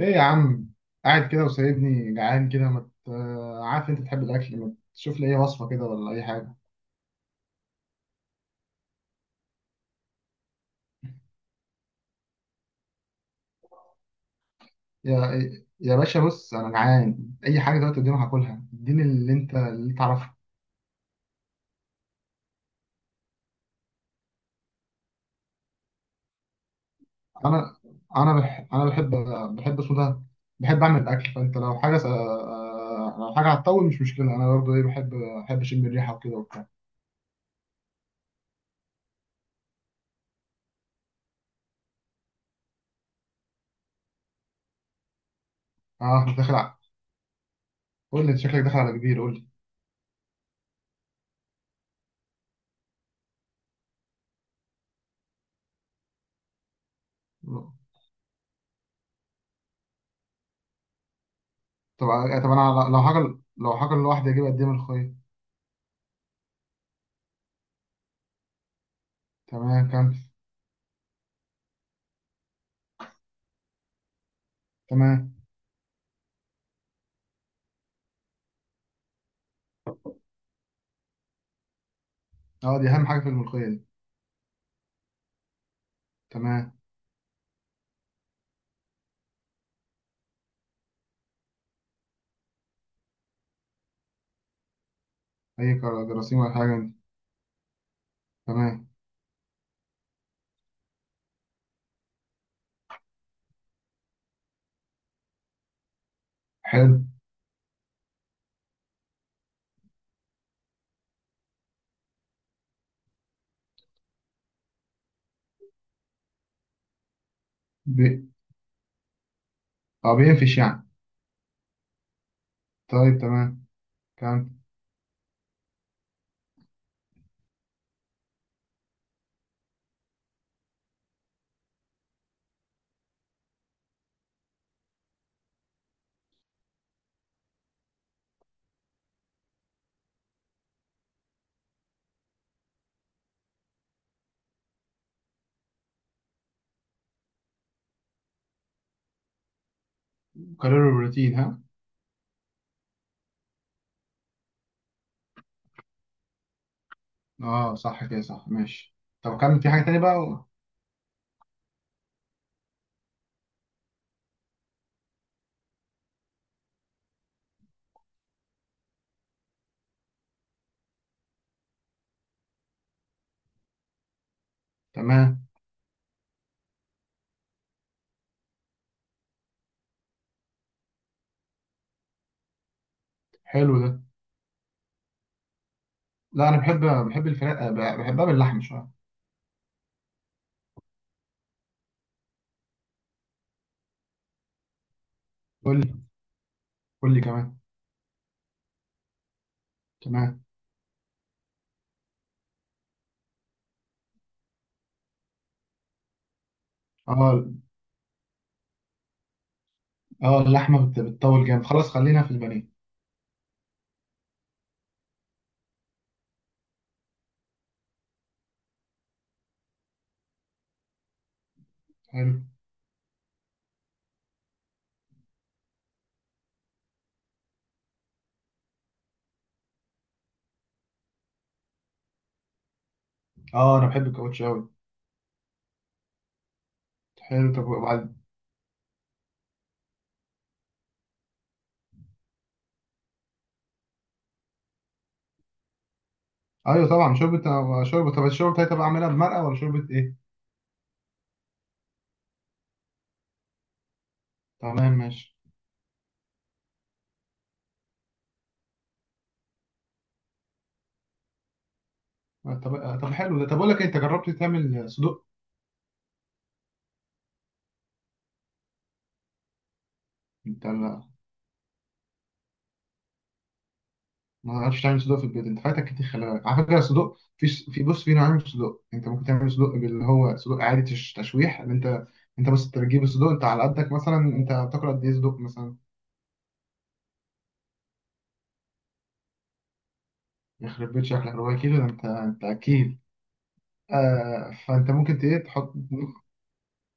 ايه يا عم، قاعد كده وسايبني جعان كده ما عارف انت تحب الاكل، ما تشوف لي اي وصفه كده ولا اي حاجه؟ يا يا باشا بص، انا جعان، اي حاجه دلوقتي قدامي هاكلها، اديني اللي تعرفه. انا انا بحب اسمه ده، بحب اعمل الاكل، فانت لو لو حاجه هتطول مش مشكله، انا برضه ايه بحب، بحب اشم الريحه وكده وبتاع. اه انت داخل على- قول لي، انت شكلك داخل على كبير، قول لي. طب طب انا لو حاجه لوحدي، اجيب قد ايه من الخيط؟ تمام كمل. تمام. اه دي اهم حاجه في الملوخيه دي. تمام. اي جراثيم ولا حاجه دي. تمام. حلو. بي... اه بينفش يعني. طيب تمام. كم؟ كالوري بروتين ها؟ اه صح كده، صح ماشي. طب كمل في حاجه تانية بقى. تمام. حلو ده. لا انا بحب، بحب الفراخ بحبها باللحمه شويه. قول لي. قول لي كمان. تمام. اه اه اللحمه بتطول جامد، خلاص خلينا في البانيه. حلو. اه انا بحب الكاوتش قوي. حلو، طب وبعد؟ ايوه طبعا شوربه، شوربه. طب الشوربه بتاعتي بقى اعملها بمرقه ولا شوربه ايه؟ تمام ماشي. طب حلو ده. طب اقول لك انت جربت تعمل صدق؟ انت ما عرفتش تعمل صدق في البيت؟ انت فاتك كتير، خلي بالك على فكره صدق، في بص، في نوعين من الصدق. انت ممكن تعمل صدق اللي هو صدق عادي تشويح. اللي انت، انت بس بتجيب الصدق انت على قدك. مثلا انت بتاكل قد ايه صدق مثلا؟ يخرب بيت شكلك، ربع كيلو ده، انت اكيل. آه فانت ممكن ت- ايه تحط،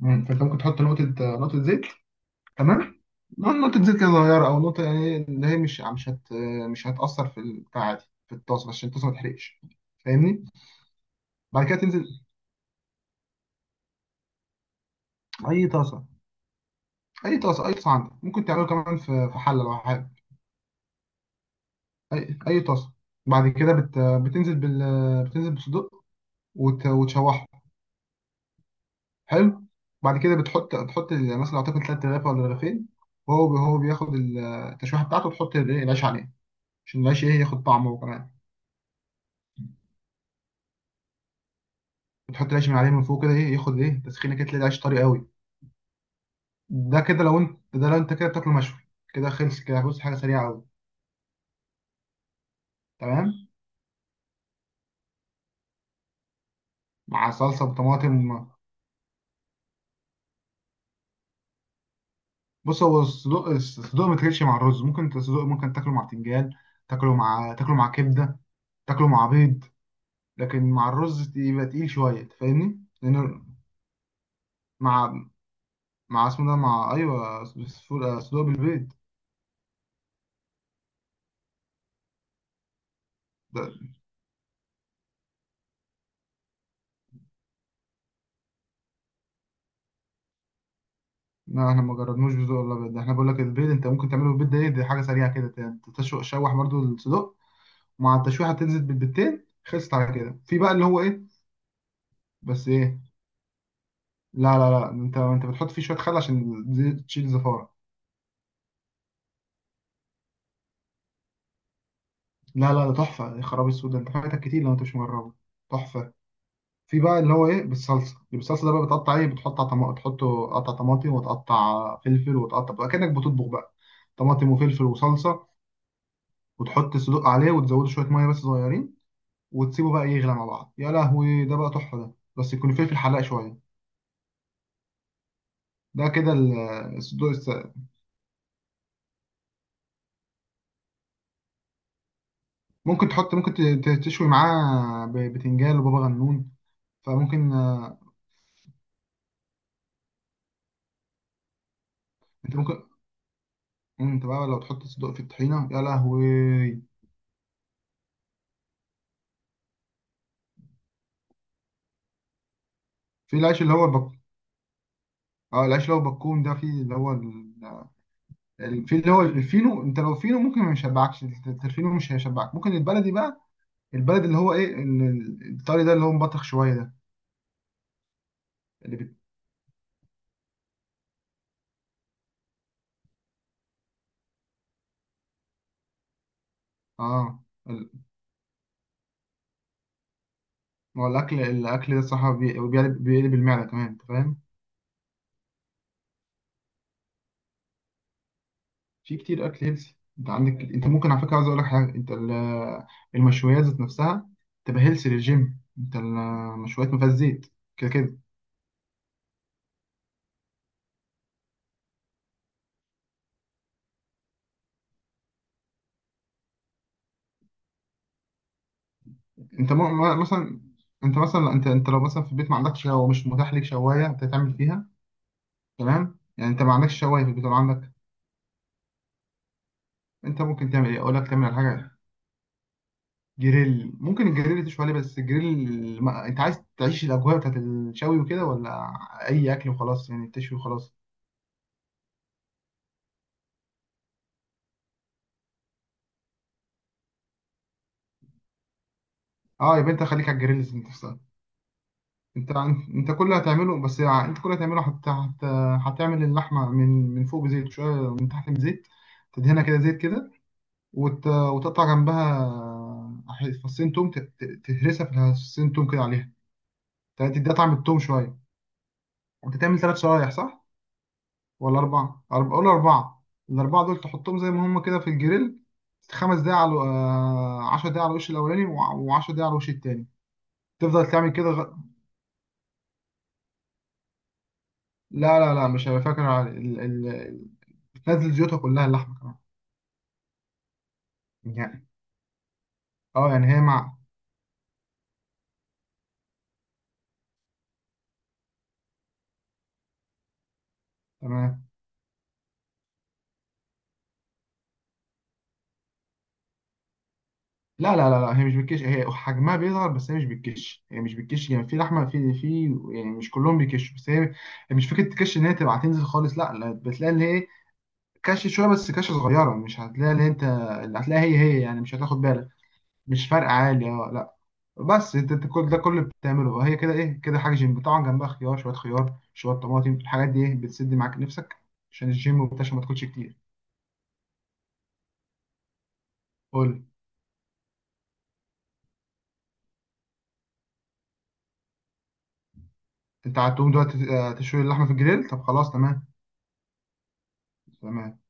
فانت ممكن تحط نقطه، نقطه زيت. تمام. نقول نقطة زيت كده صغيرة، أو نقطة يعني اللي هي مش هتأثر في البتاع دي، في الطاسة، عشان الطاسة ما تحرقش، فاهمني؟ بعد كده تنزل. أي طاسة. أي طاسة، أي طاسة عندك، ممكن تعمله كمان في حلة لو حابب. أي طاسة. بعد كده بت... بتنزل بال بتنزل بصدق وتشوحه. حلو. بعد كده بتحط، مثلا أعتقد تلات رغيف ولا رغيفين، وهو بياخد التشويحة بتاعته، وتحط العيش عليه عشان العيش إيه، ياخد طعمه. بتحط العيش من عليه من فوق كده، ايه ياخد ايه تسخينه، كده تلاقي العيش طري قوي. ده كده لو انت، ده لو انت كده بتاكله مشوي، كده خلص كده، بص حاجه سريعه قوي. تمام. مع صلصه وطماطم. بص هو الصدوق، الصدوق ما تاكلش مع الرز. ممكن انت الصدوق ممكن تاكله مع بتنجان، تاكله مع كبده، تاكله مع بيض، لكن مع الرز يبقى تقيل شويه، أنت فاهمني، لانه مع مع اسمه ده، مع ايوه، صدوق، صدوق بالبيض ده. لا احنا ما جربناش بصدق ولا بيض ده، احنا بقول لك البيض انت ممكن تعمله بالبيض ده، ايه دي حاجه سريعه كده، تشوح شوح برضو الصدوق مع التشويحه، تنزل بالبتين، خلصت على كده. في بقى اللي هو ايه؟ بس ايه، لا انت، انت بتحط فيه شويه خل عشان تشيل الزفاره. لا لا، ده تحفه يا خرابي، السود ده انت فايتك كتير لو انت مش مجربه، تحفه. في بقى اللي هو ايه، بالصلصه، اللي بالصلصه ده بقى بتقطع ايه، بتحط طماطم، تحطه قطع طماطم، وتقطع فلفل، وتقطع بقى كانك بتطبخ بقى، طماطم وفلفل وصلصه، وتحط الصدوق عليه، وتزوده شويه ميه بس صغيرين، وتسيبه بقى يغلى مع بعض. يا لهوي ده بقى تحفه ده. بس يكون فلفل حلاق شويه. ده كده الصدوق، ممكن تحط، تشوي معاه بتنجان وبابا غنون، فممكن انت ممكن، انت بقى لو تحط صدق في الطحينه، يا لهوي. في العيش اللي هو اه العيش اللي هو بكون ده، في اللي هو في اللي هو الفينو، انت لو فينو ممكن ما يشبعكش الفينو مش هيشبعك، ممكن البلدي بقى، البلد اللي هو ايه الطري ده اللي هو مبطخ شويه ده. اللي بت... اه ال- ما هو الاكل، الاكل ده الصراحه بيقلب المعده كمان، انت فاهم. في كتير اكل هيلسي، انت عندك، انت ممكن على فكره، عايز اقول لك حاجه، انت المشويات ذات نفسها تبقى هيلسي للجيم، انت المشويات ما فيهاش زيت كده كده. انت مثلا، انت مثلا، انت لو مثلا في البيت ما عندكش، او مش متاح ليك شوايه انت تعمل فيها، تمام؟ يعني انت ما عندكش شوايه في البيت ولا عندك؟ انت ممكن تعمل ايه، اقول لك تعمل على حاجه. جريل ممكن الجريل تشوي عليه، بس الجريل ما... انت عايز تعيش الاجواء بتاعت الشوي وكده، ولا اي اكل وخلاص يعني، تشوي وخلاص؟ اه يبقى انت خليك على الجريل ذات نفسها. انت، انت كل اللي هتعمله، بس يعني انت كل اللي هتعمل اللحمه من فوق بزيت شويه، من تحت بزيت، تدهنها كده زيت كده، وتقطع جنبها فصين توم، تهرسها في فصين توم كده عليها، تديها طعم التوم شويه. انت تعمل ثلاث شرايح، صح؟ ولا اربعه، أربعة، قول اربعه. الاربعه دول تحطهم زي ما هم كده في الجريل. خمس دقايق على 10 دقايق على الوش الاولاني، و10 دقايق على الوش التاني، تفضل تعمل كده. لا مش هبقى فاكر على بتنزل زيوتها كلها اللحمة كمان، يعني. اه يعني هي مع، تمام. لا هي مش بتكش، هي حجمها بيصغر بس، هي مش بتكش، هي مش بتكش يعني. في لحمة في يعني مش كلهم بيكشوا، بس هي، هي مش فكرة تكش ان هي تبقى هتنزل خالص لا لا، بتلاقي اللي هي كش شوية بس، كش صغيرة، مش هتلاقي اللي انت، اللي هتلاقي هي هي يعني، مش هتاخد بالك. مش فرق عالي اه لا. بس انت، انت كل ده كله بتعمله هي كده ايه كده، حاجه جيم طبعا، جنبها خيار شويه، خيار شويه طماطم، الحاجات دي ايه بتسد معاك نفسك عشان الجيم وبتاع، عشان ما تاكلش كتير. قول لي، انت هتقوم دلوقتي تشوي اللحمه في الجريل؟ طب خلاص تمام. تمام.